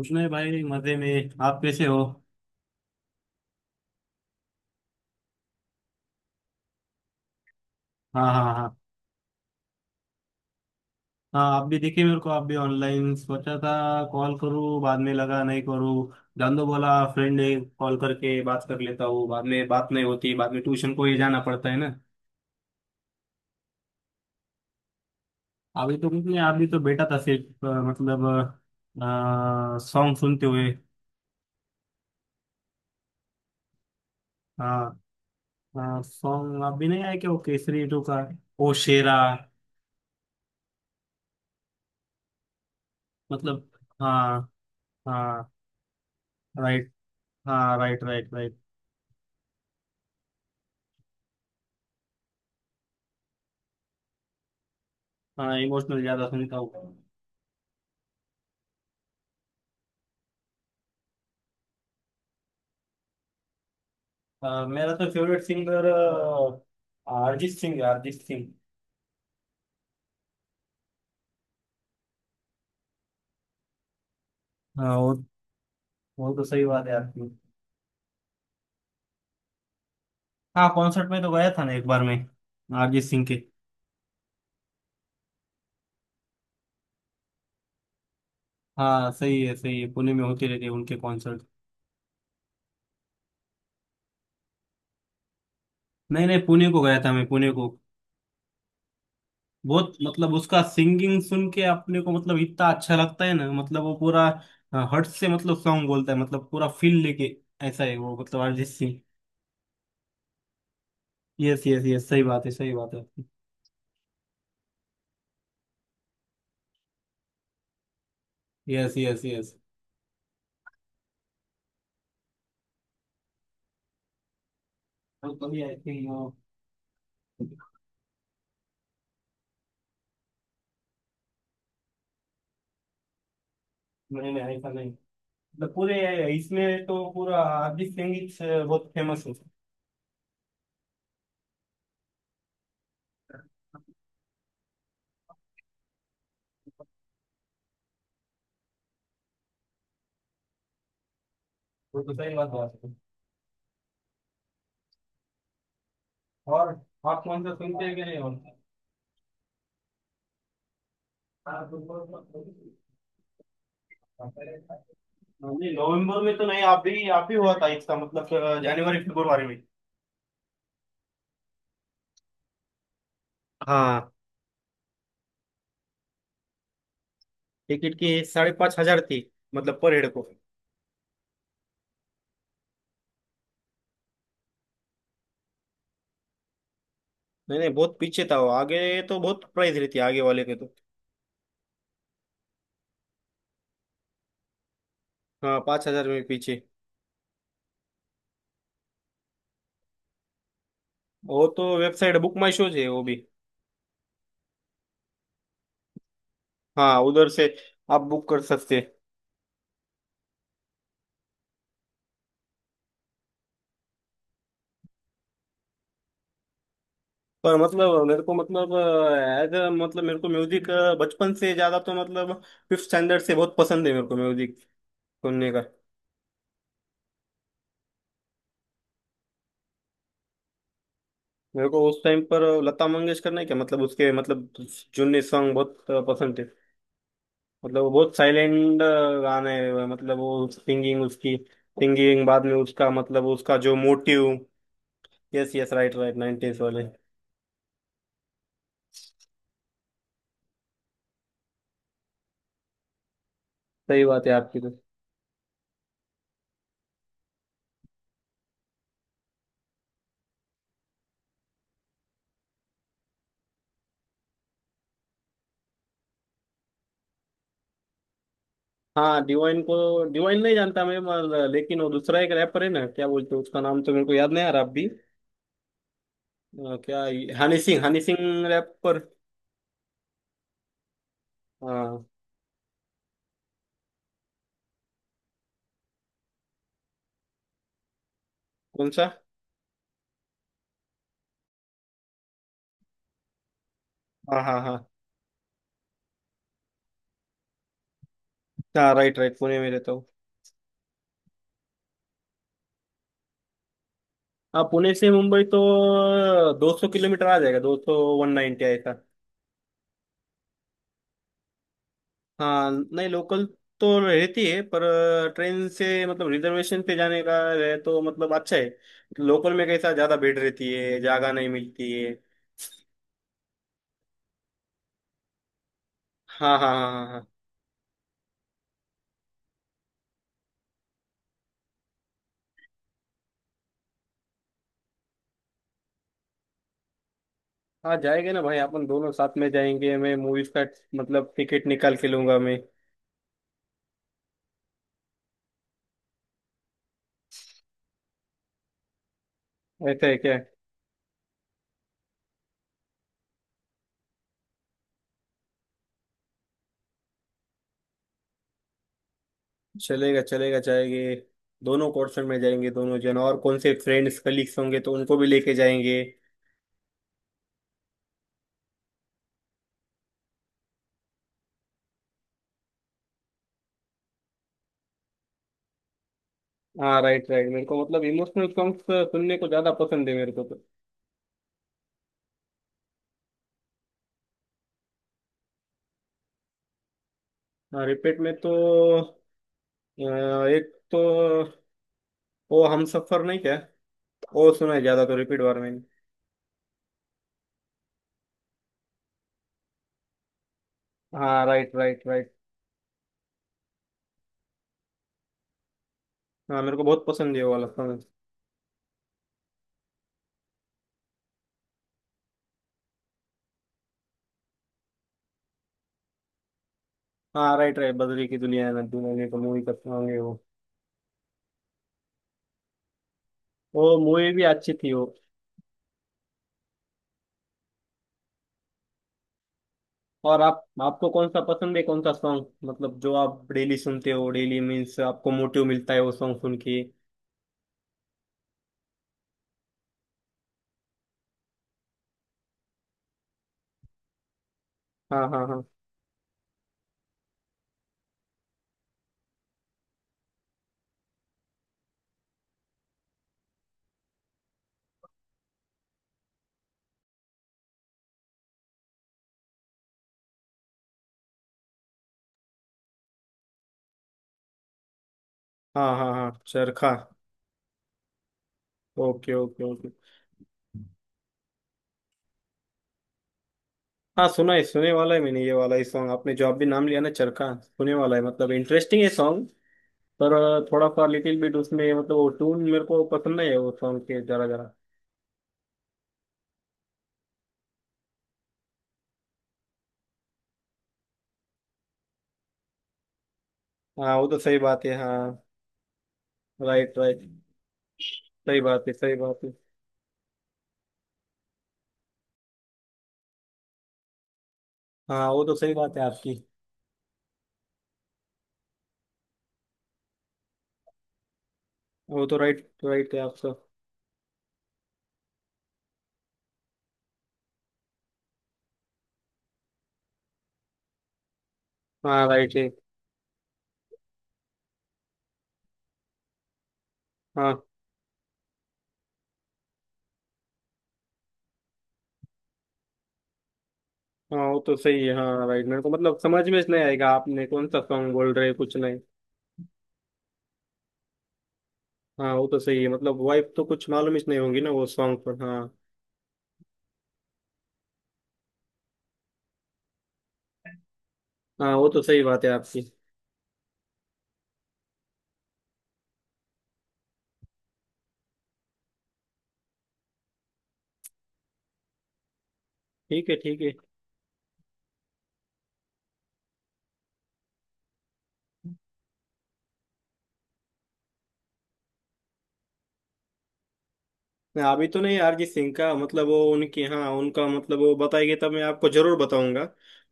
उसने भाई मजे में। आप कैसे हो? हाँ हाँ हाँ। हाँ आप भी देखे मेरे को आप भी ऑनलाइन सोचा था कॉल करूँ बाद में लगा नहीं करूँ। दांदो बोला फ्रेंड है कॉल करके बात कर लेता हूँ बाद में बात नहीं होती बाद में ट्यूशन को ही जाना पड़ता है ना। अभी तो कुछ नहीं। अभी तो बैठा था सिर्फ मतलब सॉन्ग सुनते हुए। हाँ। सॉन्ग आप भी नहीं आया क्या वो केसरी 2 का? ओ शेरा। मतलब। हाँ। हाँ राइट। हाँ राइट राइट राइट। हाँ इमोशनल ज्यादा सुनता हूँ। मेरा तो फेवरेट सिंगर अरिजीत सिंह है, अरिजीत सिंह। हाँ वो। वो तो सही बात है आपकी। हाँ कॉन्सर्ट में तो गया था ना एक बार मैं। अरिजीत सिंह के। हाँ सही है पुणे में होते रहते हैं उनके कॉन्सर्ट। नहीं नहीं पुणे को गया था मैं पुणे को। बहुत मतलब उसका सिंगिंग सुन के अपने को मतलब इतना अच्छा लगता है ना मतलब वो पूरा हर्ट से मतलब सॉन्ग बोलता है मतलब पूरा फील लेके। ऐसा है वो मतलब Arijit Singh. Yes yes yes सही बात है सही बात है। Yes yes yes. बहुत बढ़िया आई थिंक। नहीं नहीं ऐसा नहीं। मतलब पूरे इसमें तो पूरा अरिजीत सिंह ही से बहुत फेमस है। वो तो सही बात है। और आप कौन सा सुनते हैं कि नहीं और। नहीं नवंबर में तो नहीं आप भी आप ही हुआ था इसका मतलब जनवरी फरवरी में। हाँ। टिकट की 5,500 थी। मतलब पर हेड को। नहीं नहीं बहुत पीछे था वो आगे तो बहुत प्राइस रहती है आगे वाले के तो। हाँ 5,000 में पीछे। वो तो वेबसाइट बुक माई शोज है वो भी। हाँ उधर से। आप बुक कर सकते। पर मतलब मेरे को मतलब एज मतलब मेरे को म्यूजिक बचपन से ज्यादा तो मतलब फिफ्थ स्टैंडर्ड से बहुत पसंद है मेरे को म्यूजिक सुनने का। मेरे को उस टाइम पर लता मंगेशकर ने क्या मतलब उसके मतलब जुन्ने सॉन्ग बहुत पसंद थे। मतलब वो बहुत साइलेंट गाने हैं, मतलब वो सिंगिंग उसकी सिंगिंग बाद में उसका मतलब उसका जो motive. Yes yes right right nineties वाले। सही बात है आपकी तो। हाँ डिवाइन को डिवाइन नहीं जानता मैं लेकिन वो दूसरा एक रैपर है ना क्या बोलते हैं उसका नाम तो मेरे को याद नहीं आ रहा अभी। क्या हनी सिंह रैपर। हाँ। कौन सा। हाँ हाँ हाँ। हाँ राइट राइट पुणे में रहता हूँ। हाँ पुणे से मुंबई तो 200 किलोमीटर आ जाएगा। 200 190 ऐसा। हाँ नहीं लोकल तो रहती है पर ट्रेन से मतलब रिजर्वेशन पे जाने का है तो मतलब अच्छा है। लोकल में कैसा ज्यादा भीड़ रहती है जगह नहीं मिलती है। हाँ हाँ हाँ हाँ हाँ। हाँ जाएंगे ना भाई अपन दोनों साथ में जाएंगे मैं मूवीज का मतलब टिकट निकाल के लूंगा मैं। ऐसा है क्या? चलेगा चलेगा जाएंगे दोनों पोर्शन में जाएंगे दोनों जन और कौन से फ्रेंड्स कलीग्स होंगे तो उनको भी लेके जाएंगे। हाँ राइट राइट मेरे को मतलब इमोशनल सॉन्ग्स सुनने को ज्यादा पसंद है मेरे को तो। हाँ रिपीट में तो एक तो वो हम सफर नहीं क्या वो सुना है ज्यादा तो रिपीट बार में। हाँ राइट राइट राइट। हाँ मेरे को बहुत पसंद है वो वाला सॉन्ग। हाँ राइट राइट बदली की दुनिया है ना दुनिया को मूवी का सॉन्ग है वो। वो मूवी भी अच्छी थी वो। और आप आपको कौन सा पसंद है कौन सा सॉन्ग मतलब जो आप डेली सुनते हो डेली मीन्स आपको मोटिव मिलता है वो सॉन्ग सुन के? हाँ हाँ हाँ हाँ हाँ। हाँ चरखा। Okay okay okay. हाँ सुना है सुने वाला है मैंने ये वाला ही सॉन्ग आपने जो आप भी नाम लिया ना चरखा सुने वाला है मतलब इंटरेस्टिंग है सॉन्ग। पर थोड़ा सा लिटिल बिट उसमें मतलब वो ट्यून मेरे को पसंद नहीं है वो सॉन्ग के जरा जरा। हाँ वो तो सही बात है। हाँ राइट राइट सही बात है सही बात है। हाँ वो तो सही बात है आपकी। वो तो राइट राइट है आपका। हाँ राइट है। हाँ। हाँ वो तो सही है हाँ राइट मेरे को मतलब समझ में नहीं आएगा आपने कौन सा सॉन्ग बोल रहे हैं, कुछ नहीं। हाँ वो तो सही है मतलब वाइफ तो कुछ मालूम ही नहीं होगी ना वो सॉन्ग पर हाँ। हाँ वो तो सही बात है आपकी। ठीक है ठीक है। मैं अभी तो नहीं अरिजीत सिंह का मतलब वो उनकी हाँ उनका मतलब वो बताएंगे तब मैं आपको जरूर बताऊंगा।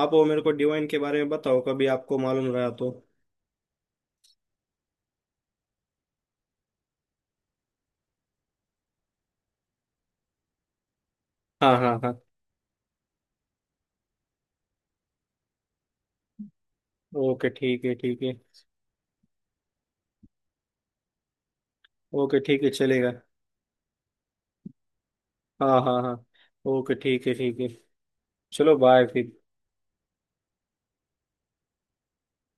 आप वो मेरे को डिवाइन के बारे में बताओ कभी आपको मालूम रहा तो। हाँ हाँ हाँ। ओके ठीक है ठीक है। ओके ठीक है चलेगा। हाँ हाँ हाँ। ओके ठीक है ठीक है। चलो बाय फिर।